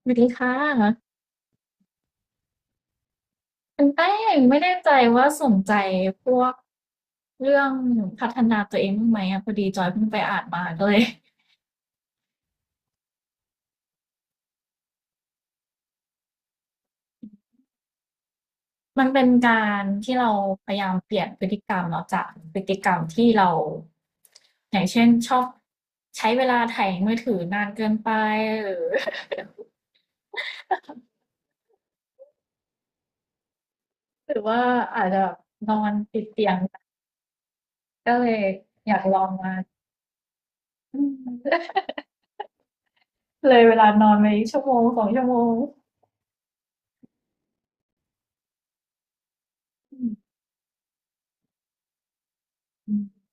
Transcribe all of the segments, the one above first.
สวัสดีค่ะคุณแป้งไม่แน่ใจว่าสนใจพวกเรื่องพัฒนาตัวเองบ้างไหมอ่ะพอดีจอยเพิ่งไปอ่านมาก็เลย มันเป็นการที่เราพยายามเปลี่ยนพฤติกรรมเนาะจากพฤติกรรมที่เรา อย่างเช่นชอบใช้เวลาไถมือถือนานเกินไปหรือ หรือว่าอาจจะนอนติดเตียงก็เลยอยากลองมาอืม เลยเวลานอนไปชั่วโมง2 ชั่วโมงอืม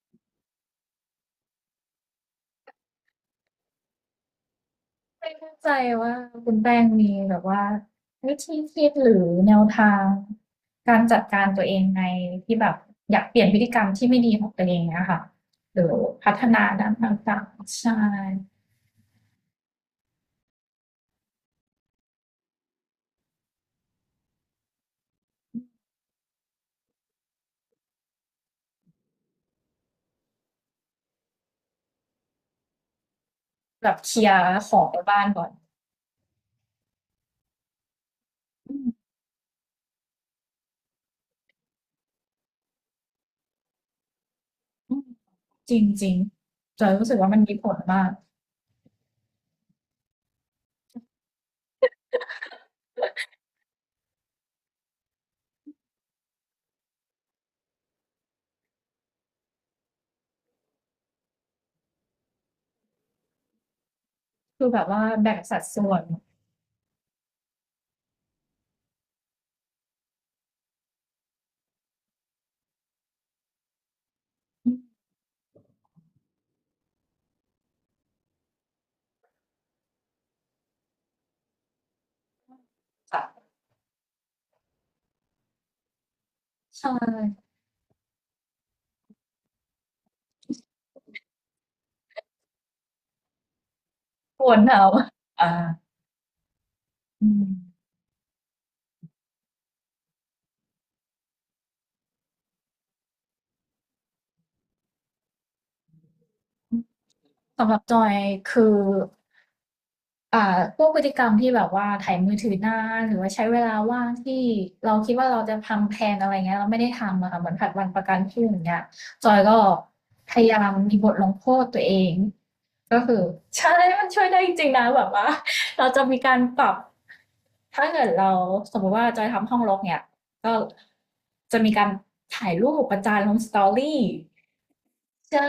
ไม่เข้าใจว่าคุณแป้งมีแบบว่าวิธีคิดหรือแนวทางการจัดการตัวเองในที่แบบอยากเปลี่ยนพฤติกรรมที่ไม่ดีของตัวเองเนี่ยค่ะหรือพัฒนาด้านต่างๆใช่แบบเคลียร์ของในบ้านก่อนอืมอืมจริงจริงจอยรู้สึกว่ามันมีผลมากคือแบบว่าแบ่งสัดส่วนอืมค่ะใช่ควรเหนาวอ่าอืมสำหรับจอยคือ อ่าพวกพฤติกรรมที่แบบว่าไถมือถือนานหรือว่าใช้เวลาว่างที่เราคิดว่าเราจะทำแพลนอะไรเงี้ยแล้วไม่ได้ทำอะค่ะเหมือนผลัดวันประกันพรุ่งอย่างเงี้ยจอยก็พยายามมีบทลงโทษตัวเองก็คือใช่มันช่วยได้จริงๆนะแบบว่าเราจะมีการปรับถ้าเกิดเราสมมุติว่าจอยทำห้องรกเนี้ยก็จะมีการถ่ายรูปประจานลง Story ใช่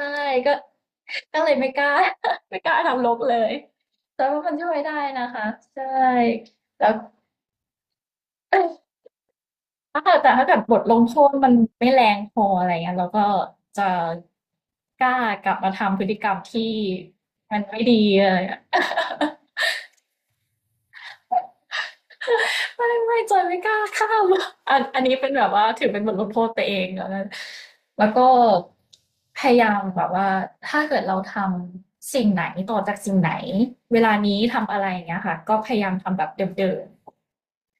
ก็ก็เลยไม่กล้า ไม่กล้าทำรกเลยแต่ว่ามันช่วยได้นะคะใช่แล้ว ถ้าเกิดแต่ถ้าเกิดบทลงโทษมันไม่แรงพออะไรเงี้ยเราก็จะกล้ากลับมาทำพฤติกรรมที่มันไม่ดีอะไรเงี้ย ไม่จอยไม่กล้าข้า มอันนี้เป็นแบบว่าถือเป็นบทลงโทษตัวเองแล้วนะแล้วก็พยายามแบบว่าถ้าเกิดเราทำสิ่งไหนต่อจากสิ่งไหนเวลานี้ทำอะไรอย่างเงี้ยค่ะก็พยายามทำแบบเดิม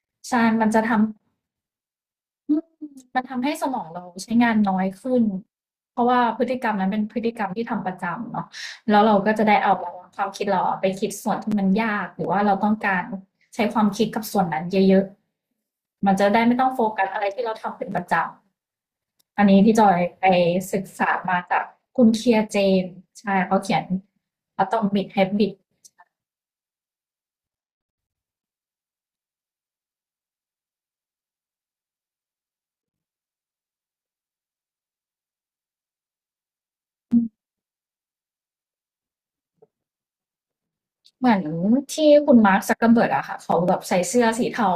ๆใช่มันจะทำ อืมมันทำให้สมองเราใช้งานน้อยขึ้น เพราะว่าพฤติกรรมนั้นเป็นพฤติกรรมที่ทำประจำเนาะแล้วเราก็จะได้เอาความคิดเราอะไปคิดส่วนที่มันยากหรือว่าเราต้องการใช้ความคิดกับส่วนนั้นเยอะๆมันจะได้ไม่ต้องโฟกัสอะไรที่เราทำเป็นประจำอันนี้ที่จอยไปศึกษามาจากคุณ Keir James ใช่เขาเขียน Atomic Habits เหมือนที่คุณมาร์คซักเกอร์เบิร์กอะค่ะเขาแบบใส่เสื้อสีเทา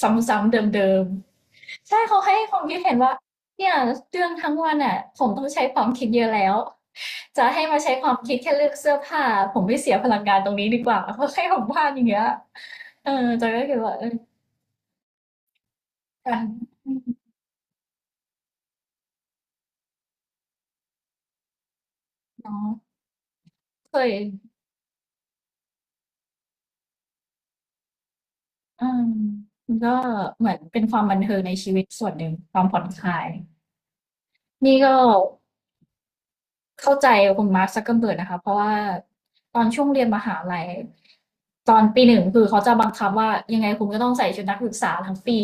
ซ้ำๆเดิมๆใช่เขาให้ความคิดเห็นว่าเนี่ยเรื่องทั้งวันอะผมต้องใช้ความคิดเยอะแล้วจะให้มาใช้ความคิดแค่เลือกเสื้อผ้าผมไม่เสียพลังงานตรงนี้ดีกว่าเพราะให้ผมพลาดอย่างเงี้ยเออจอยก็คิดว่าเออการอืมเนาะเคยอืมมันก็เหมือนเป็นความบันเทิงในชีวิตส่วนหนึ่งความผ่อนคลายนี่ก็ เข้าใจคุณมาร์คซักเกอร์เบิร์กนะคะเพราะว่าตอนช่วงเรียนมหาลัยตอนปีหนึ่งคือเขาจะบังคับว่ายังไงคุณก็ต้องใส่ชุดนักศึกษาทั้งปี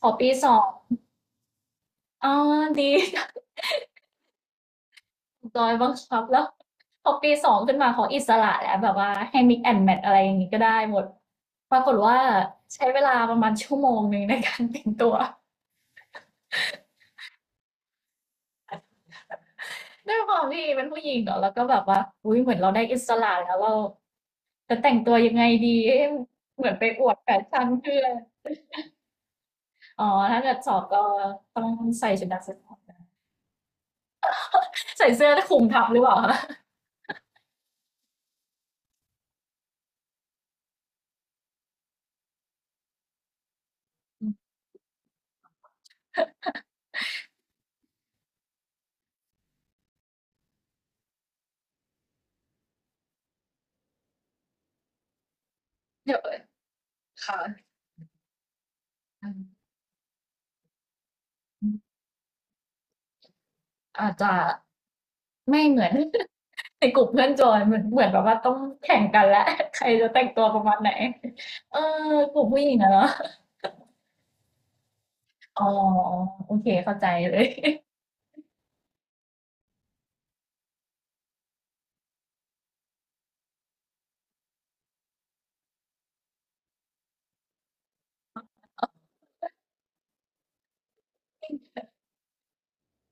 พอปีสองอ๋อดี โดยบังคับแล้วพอปีสองขึ้นมาเขาอิสระแล้วแบบว่าให้ mix and match อะไรอย่างนี้ก็ได้หมดปรากฏว่าใช้เวลาประมาณชั่วโมงหนึ่งในการแต่งตัว ด้วยความที่เป็นผู้หญิงเนาะแล้วก็แบบว่าอุ้ยเหมือนเราได้อิสระแล้วเราจะแต่งตัวยังไงดีเอ๊เหมือนไปอวดแฟชั่นเพื่อนอ๋อถ้าเกิดสอบก็ต้องใส่ชุดนักศึกษาใส่เสื้อคลุมทับหรือเปล่าคะอืมเดี๋ยวค่ะอืมอาจจะไม่เหมือน ในกลุ่มเพื่อนจอยเหมือนแบบว่าต้องแข่งกันและ ใครจะแต่งตัวประมาณไหนเออกลุ่มผู้หญิงอะเนาะอ๋อโอเคเข้าใจเลย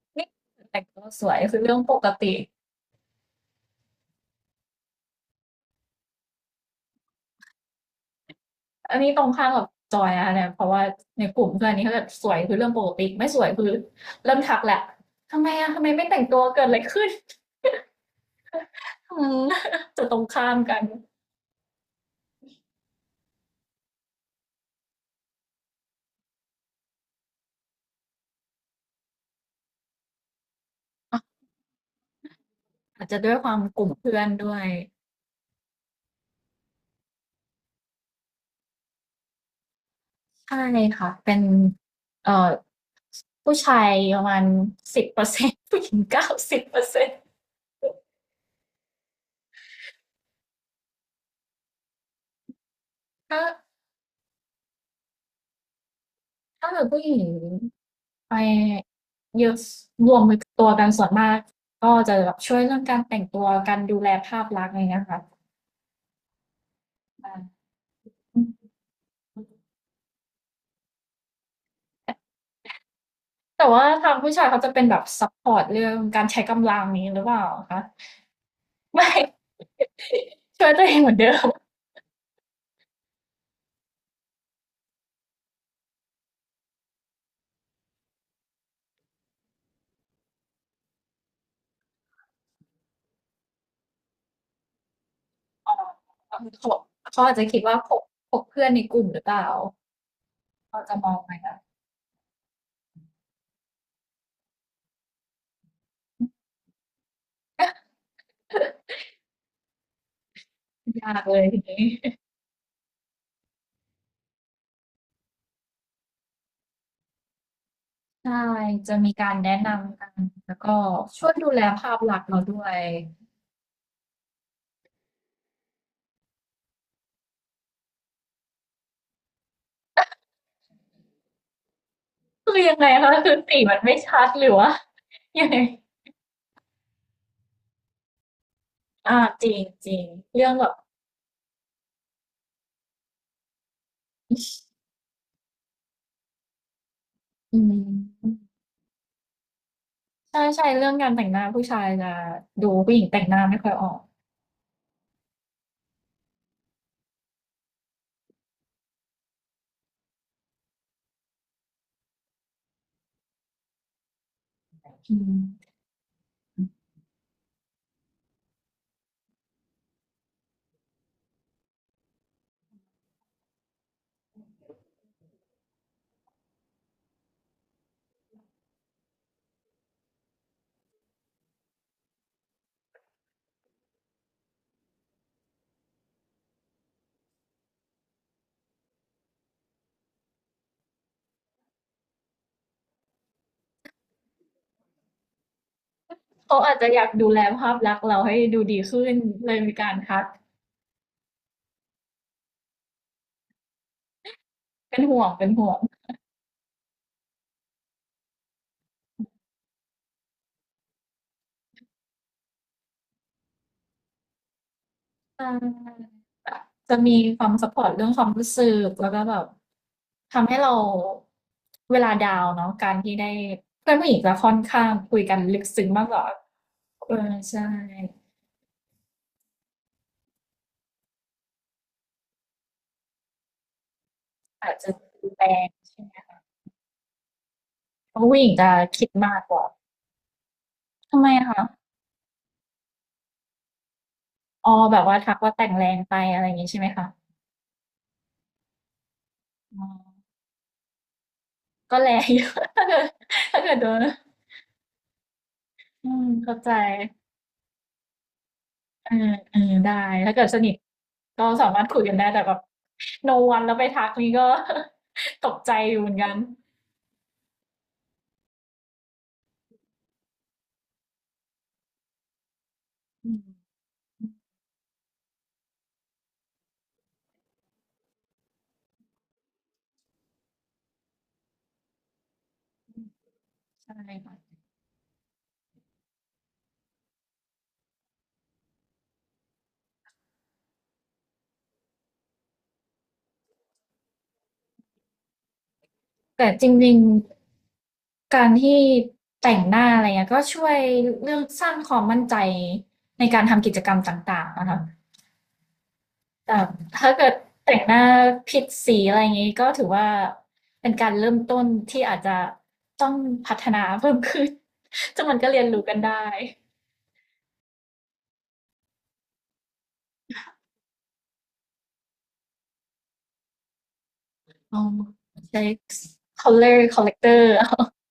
นี่แต่งตัวสวยคือเรื่องปกติ อันนี้ตรงข้ามกับจอยนะคะเนี่ยเพราะว่าในกลุ่มเพื่อนนี่เขาจะสวยคือเรื่องปกติไม่สวยคือเริ่มทักแหละทำไมอะทำไมไม่แต่งตัวเกิดอะไรขึ้น จะตรงข้ามกันออาจจะด้วยความกลุ่มเพื่อนด้วยใช่ค่ะเป็นเอ่อผู้ชายประมาณสิบเปอร์เซ็นต์ผู้หญิง90%ถ้าถ้าเกิดผู้หญิงไปเยอะรวมตัวกันส่วนมากก็จะแบบช่วยเรื่องการแต่งตัวการดูแลภาพลักษณ์อะไรเงี้ยค่ะ อืมแต่ว่าทางผู้ชายเขาจะเป็นแบบซัปพอร์ตเรื่องการใช้กำลังนี้หรือเปล่าคะไม่ ช่วยตัวเองเหมือนเดิมเขาอาจจะคิดว่าพกเพื่อนในกลุ่มหรือเปล่าเขาจะมองไหมคะยากเลยทีนี้ใช่จะมีการแนะนำกันแล้วก็ช่วยดูแลภาพลักษณ์เราด้วยคือยังไงคะคือสีมันไม่ชัดหรือว่ายังไงอาจริงๆเรื่องแบบอืม ใช่ใช่เรื่องการแต่งหน้าผู้ชายจะดูผู้หญิงแต่งหน้าไม่ค่อยออกอืมเขาอาจจะอยากดูแลภาพลักษณ์เราให้ดูดีขึ้นเลยมีการทักเป็นห่วงเป็นห่วงอ่าแบบจะมีความซัพพอร์ตเรื่องความรู้สึกแล้วก็แบบทำให้เราเวลาดาวน์เนาะการที่ได้เพื่อนผู้หญิงจะค่อนข้างคุยกันลึกซึ้งมากกว่าเออใช่อาจจะดูแรงใช่ไหมเพราะผู้หญิงจะคิดมากกว่าทำไมอะคะ อ๋อแบบว่าทักว่าแต่งแรงไปอะไรอย่างงี้ใช่ไหมคะอ๋อก็แรงอยู่ ถ้าเกิดถ้าเกิดโดนอืมเข้าใจเออเออได้ถ้าเกิดสนิทก็สามารถคุยกันได้แต่แบบ no one แล้วไปทักนี่ก็ ตกใจอยู่เหมือนกันอืมใช่ค่ะแต่จริงๆการที่แต่งหน้าอะไรเงี้ยก็ช่วยเรื่องสร้างความมั่นใจในการทำกิจกรรมต่างๆนะคะ แต่ถ้าเกิดแต่งหน้าผิดสีอะไรอย่างนี้ก็ถือว่าเป็นการเริ่มต้นที่อาจจะต้องพัฒนาเพิ่มขึ้น จึงมันก็เรียนรู้กันได้ลองใช้ Color Collector เอา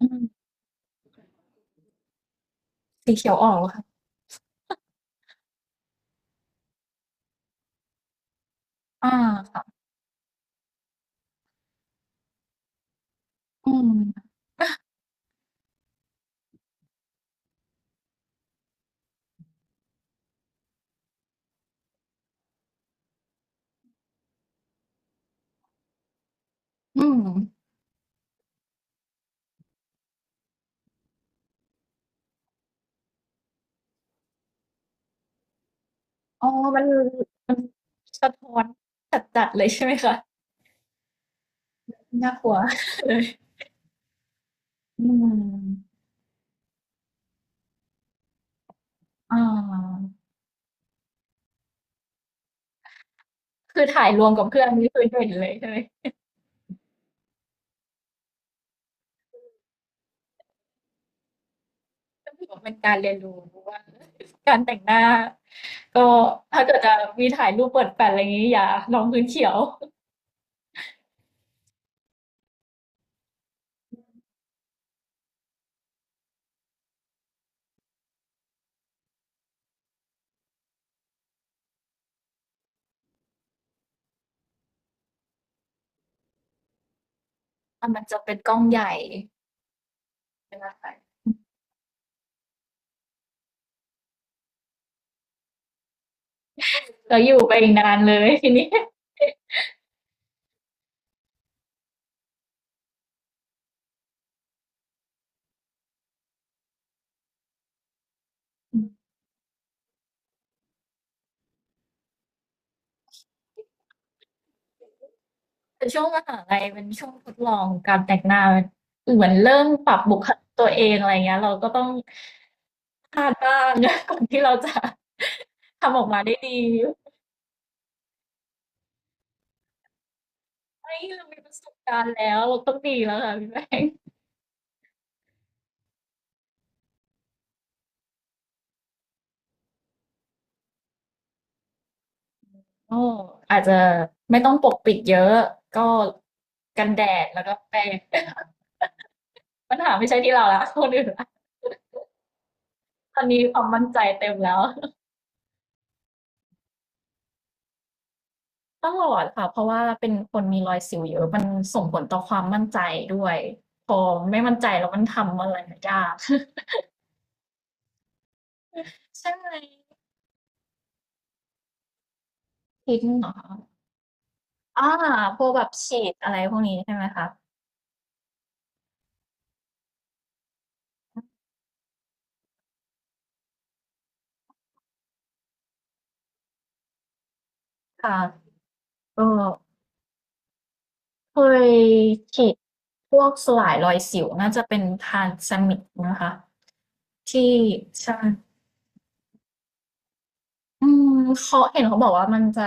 อืมสีเขียวออกเหรอค่ะอ่าค่ะอืมอืมอ๋อมันมันสะท้อนจัดๆเลยใช่ไหมคะน่ากลัวเลยอืมอ่าคือถ่ายรวมกับเพื่อนนี่คือเห็นเลยใช่ไหม ก็ถือว่าเป็นการเรียนรู้ว่าการแต่งหน้าก็ถ้าเกิดจะมีถ่ายรูปเปิดแฟลชอะไรอย่างงี้อย่าลงพื้นเขียวอ่ะมันจะเป็นกล้องใหญ่ใช่ไหมคะแล้วอยู่ไปอีกนานเลยทีนี้อืมแต่ช่วงมหาลัยเป็นช่วงทดลองการแต่งหน้าเหมือนเริ่มปรับบุคลิกตัวเองอะไรเงี้ยเราก็ต้องพลาดบ้าง ก่อนที่เราจะทำออกมาได้ดีไม่เรามีประสบการณ์แล้วเราต้องดีแล้วค่ะพี่แป้ง ก็อาจจะไม่ต้องปกปิดเยอะก็กันแดดแล้วก็แปรง ปัญหาไม่ใช่ที่เราละคนอื่นละตอนนี้ความมั่นใจเต็มแล้วต้องหลอดค่ะเพราะว่าเป็นคนมีรอยสิวเยอะมันส่งผลต่อความมั่นใจด้วยพอไม่มั่นใจแล้วมันทำอะไรยาก ใช่ไหมทิ้งเหรอคะอ่าพวกแบบฉีดอะไรพวกนี้ใช่ไหมคะค่ะก็เคยฉีดพวกสลายรอยสิวน่าจะเป็นทานซามิกนะคะ ที่ใช่อืมเขาเห็นเขาบอกว่ามันจะ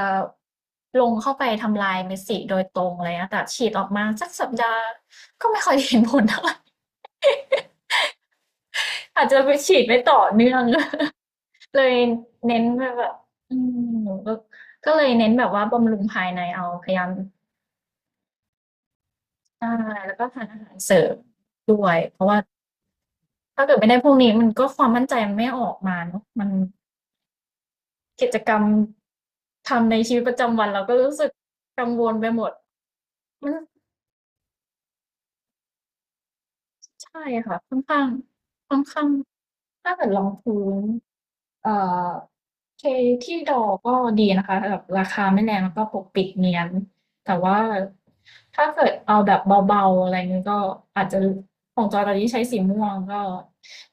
ลงเข้าไปทำลายเม็ดสีโดยตรงอะไรเงี้ยแต่ฉีดออกมาสักสัปดาห์ก็ไม่ค่อยเห็นผลเท่าไร อาจจะไปฉีดไม่ต่อเนื่อง เลยเน้นไปแบบอืมก็ก็เลยเน้นแบบว่าบำรุงภายในเอาพยายามใช่แล้วก็ทานอาหารเสริมด้วยเพราะว่าถ้าเกิดไม่ได้พวกนี้มันก็ความมั่นใจมันไม่ออกมาเนาะมันกิจกรรมทำในชีวิตประจำวันเราก็รู้สึกกังวลไปหมดมัน ใช่ค่ะค่อนข้างค่อนข้าง ถ้าเกิดรองพื้นเอ่อเคที่ดอก็ดีนะคะแบบราคาไม่แรงแล้วก็ปกปิดเนียนแต่ว่าถ้าเกิดเอาแบบเบาๆอะไรเงี้ยก็อาจจะของจอตอนนี้ใช้สีม่วงก็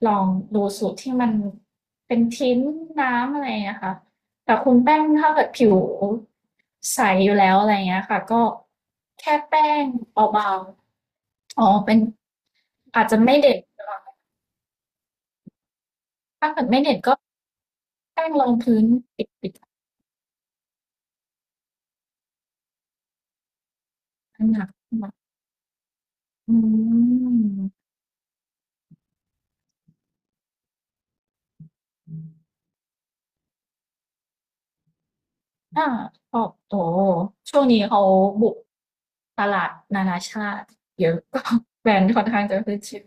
ลองดูสูตรที่มันเป็นทิ้นน้ำอะไรเงี้ยค่ะแต่คุณแป้งถ้าเกิดผิวใสอยู่แล้วอะไรเงี้ยค่ะก็แค่แป้งเบาๆอ๋อเป็นอาจจะไม่เด็ดถ้าเกิดไม่เด็ดก็ แป้งรองพื้นปิดน้ำหนักขึ้นมาอืมอาชอบโตช่วงนี้เขาบุกตลาดนานาชาติเยอะก็แบรนด์ค่อนข้างจะขึ้นชื่อ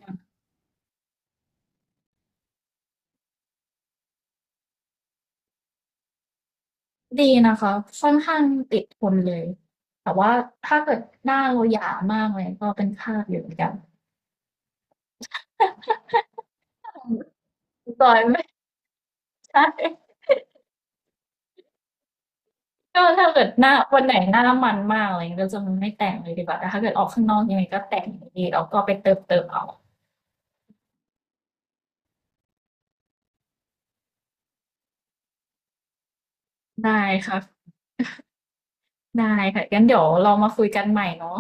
ดีนะคะค่อนข้างติดทนเลย แต่ว่าถ้าเกิดหน้าเราหยามากเลยก็เป็นคราบอยู่เหมือนกันจอยไม่ใช่ก็ถ้าเกิดหน้าวันไหนหน้ามันมากอะไรอย่างเงี้ยก็จะไม่แต่งเลยดีกว่าแต่ถ้าเกิดออกข้างนอกยังไงก็แต่งอยู่ดีแล้วก็ไปเติมเติมเอาได้ค่ะ ได้ค่ะงั้นเดี๋ยวเรามาคุยกันใหม่เนาะ